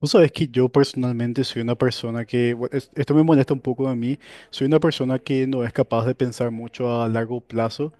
Vos sabés que yo personalmente soy una persona que, esto me molesta un poco a mí, soy una persona que no es capaz de pensar mucho a largo plazo,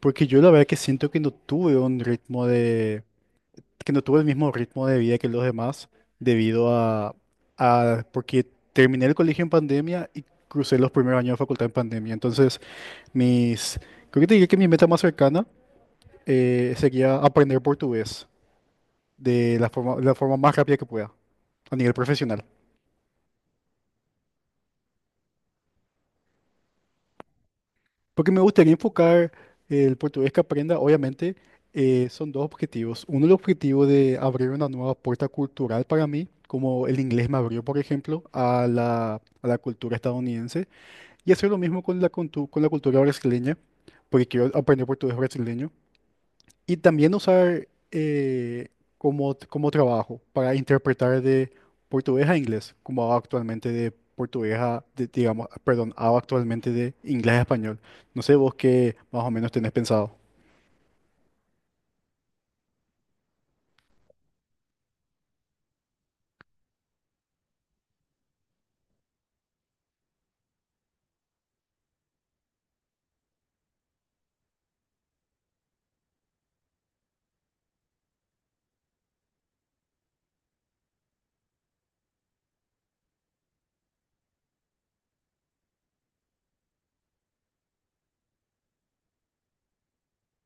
porque yo la verdad que siento que no tuve un ritmo de, que no tuve el mismo ritmo de vida que los demás, debido a, porque terminé el colegio en pandemia y crucé los primeros años de facultad en pandemia. Entonces, mis, creo que te diría que mi meta más cercana sería aprender portugués de la forma más rápida que pueda, a nivel profesional. Porque me gustaría enfocar el portugués que aprenda, obviamente, son dos objetivos. Uno, el objetivo de abrir una nueva puerta cultural para mí, como el inglés me abrió, por ejemplo, a la cultura estadounidense, y hacer lo mismo con con la cultura brasileña, porque quiero aprender portugués brasileño. Y también usar como trabajo para interpretar de portugués a inglés, como hago actualmente de digamos, perdón, hago actualmente de inglés a español. No sé vos qué más o menos tenés pensado.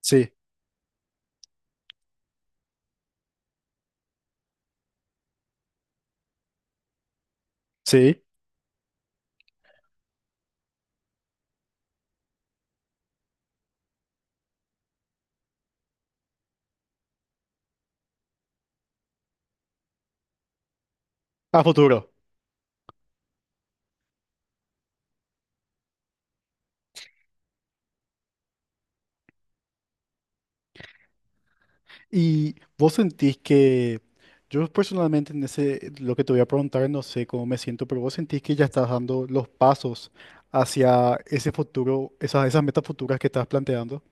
Sí, sí, a futuro. Y vos sentís que, yo personalmente en ese, lo que te voy a preguntar, no sé cómo me siento, pero vos sentís que ya estás dando los pasos hacia ese futuro, esas metas futuras que estás planteando.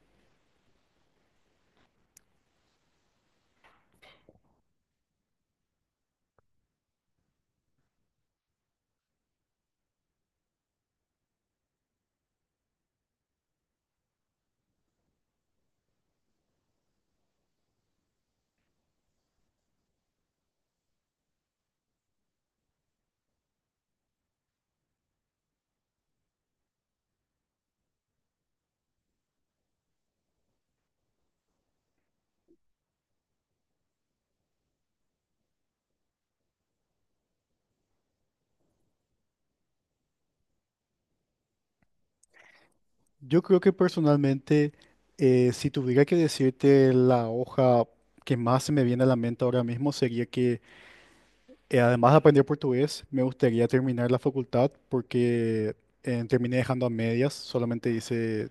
Yo creo que personalmente, si tuviera que decirte la hoja que más se me viene a la mente ahora mismo, sería que además de aprender portugués, me gustaría terminar la facultad porque terminé dejando a medias, solamente hice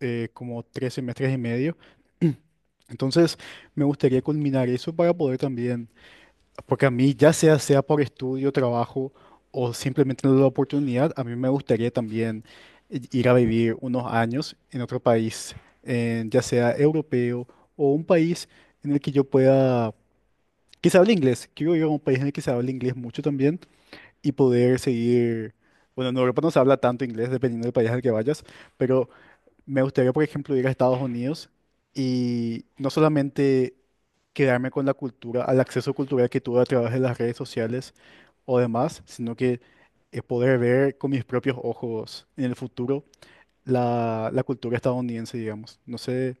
como tres semestres y medio. Entonces, me gustaría culminar eso para poder también porque a mí, sea por estudio, trabajo o simplemente la oportunidad, a mí me gustaría también ir a vivir unos años en otro país, ya sea europeo o un país en el que yo pueda, que se hable inglés. Quiero ir a un país en el que se hable inglés mucho también y poder seguir, bueno, en Europa no se habla tanto inglés dependiendo del país al que vayas, pero me gustaría, por ejemplo, ir a Estados Unidos y no solamente quedarme con la cultura, al acceso cultural que tuve a través de las redes sociales, o demás, sino que es poder ver con mis propios ojos en el futuro la cultura estadounidense, digamos. No sé,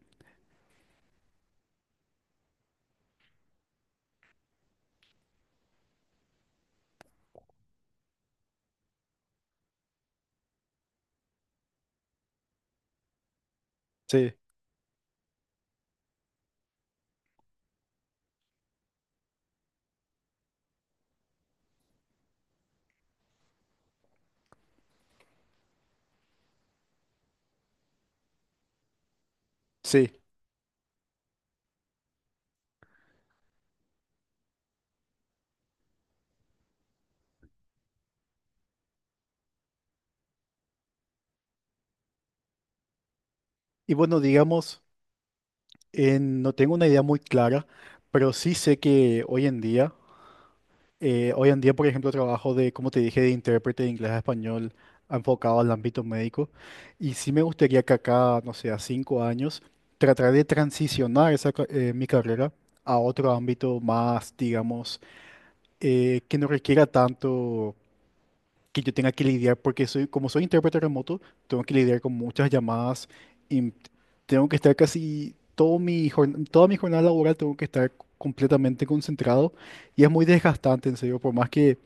sí, sí. Y bueno, digamos, no tengo una idea muy clara, pero sí sé que hoy en día, por ejemplo, trabajo de, como te dije, de intérprete de inglés a español enfocado al ámbito médico, y sí me gustaría que acá, no sé, a 5 años, tratar de transicionar mi carrera a otro ámbito más, digamos, que no requiera tanto que yo tenga que lidiar, porque soy, como soy intérprete remoto, tengo que lidiar con muchas llamadas y tengo que estar casi toda mi jornada laboral, tengo que estar completamente concentrado y es muy desgastante, en serio, por más que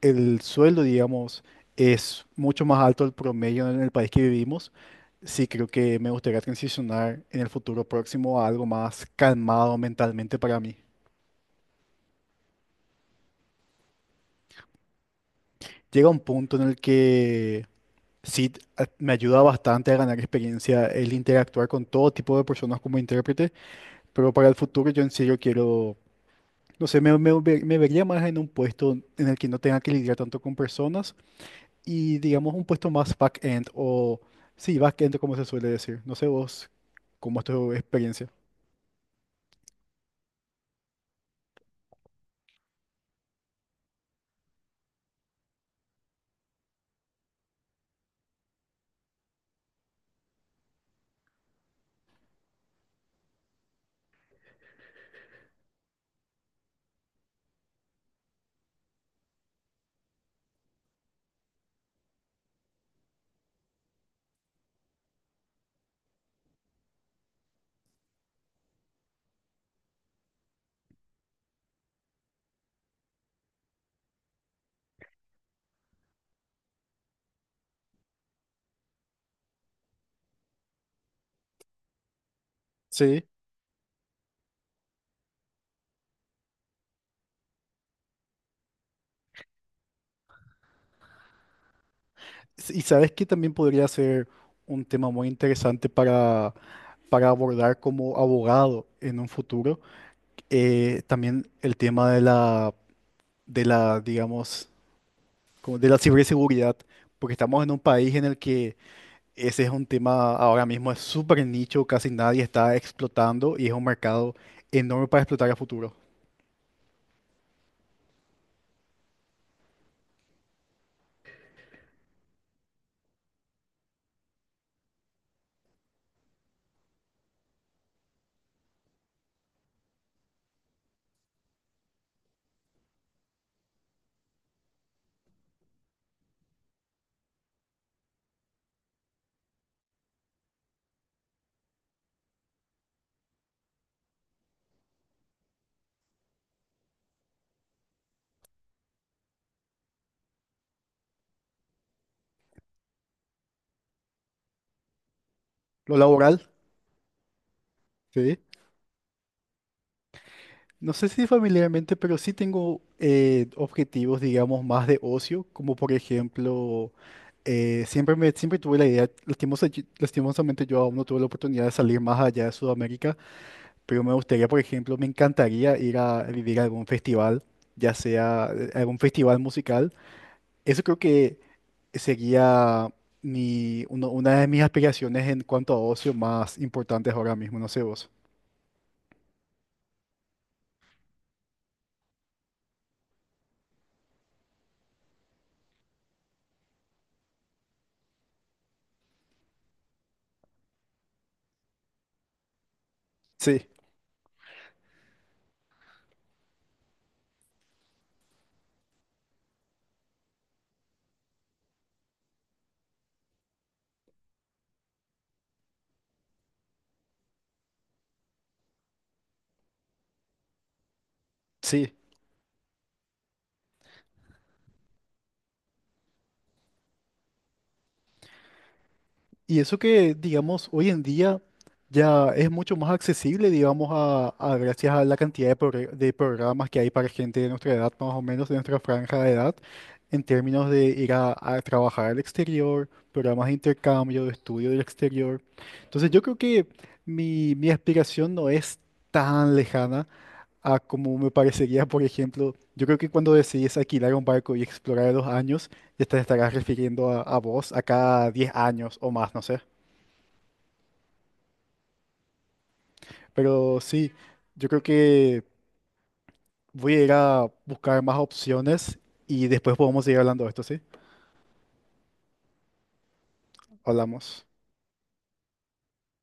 el sueldo, digamos, es mucho más alto del promedio en el país que vivimos. Sí, creo que me gustaría transicionar en el futuro próximo a algo más calmado mentalmente para mí. Llega un punto en el que sí, me ayuda bastante a ganar experiencia el interactuar con todo tipo de personas como intérprete, pero para el futuro yo en serio quiero, no sé, me vería más en un puesto en el que no tenga que lidiar tanto con personas y digamos un puesto más back-end o, sí, back-end como se suele decir. No sé vos, cómo es tu experiencia. Sí. S- Y sabes que también podría ser un tema muy interesante para abordar como abogado en un futuro, también el tema de digamos, como de la ciberseguridad, porque estamos en un país en el que ese es un tema ahora mismo, es súper nicho, casi nadie está explotando y es un mercado enorme para explotar a futuro. Lo laboral, sí. No sé si familiarmente, pero sí tengo objetivos, digamos, más de ocio, como por ejemplo, siempre tuve la idea, lastimosamente yo aún no tuve la oportunidad de salir más allá de Sudamérica. Pero me gustaría, por ejemplo, me encantaría ir a vivir a algún festival, ya sea algún festival musical. Eso creo que sería una de mis aspiraciones en cuanto a ocio más importantes ahora mismo, no sé vos. Sí, sí. Y eso que, digamos, hoy en día ya es mucho más accesible, digamos, gracias a la cantidad de programas que hay para gente de nuestra edad, más o menos de nuestra franja de edad, en términos de ir a trabajar al exterior, programas de intercambio, de estudio del exterior. Entonces yo creo que mi aspiración no es tan lejana a como me parecería, por ejemplo, yo creo que cuando decides alquilar un barco y explorar a los años, ya te estarás refiriendo a vos acá 10 años o más, no sé. Pero sí, yo creo que voy a ir a buscar más opciones y después podemos seguir hablando de esto, ¿sí? Hablamos.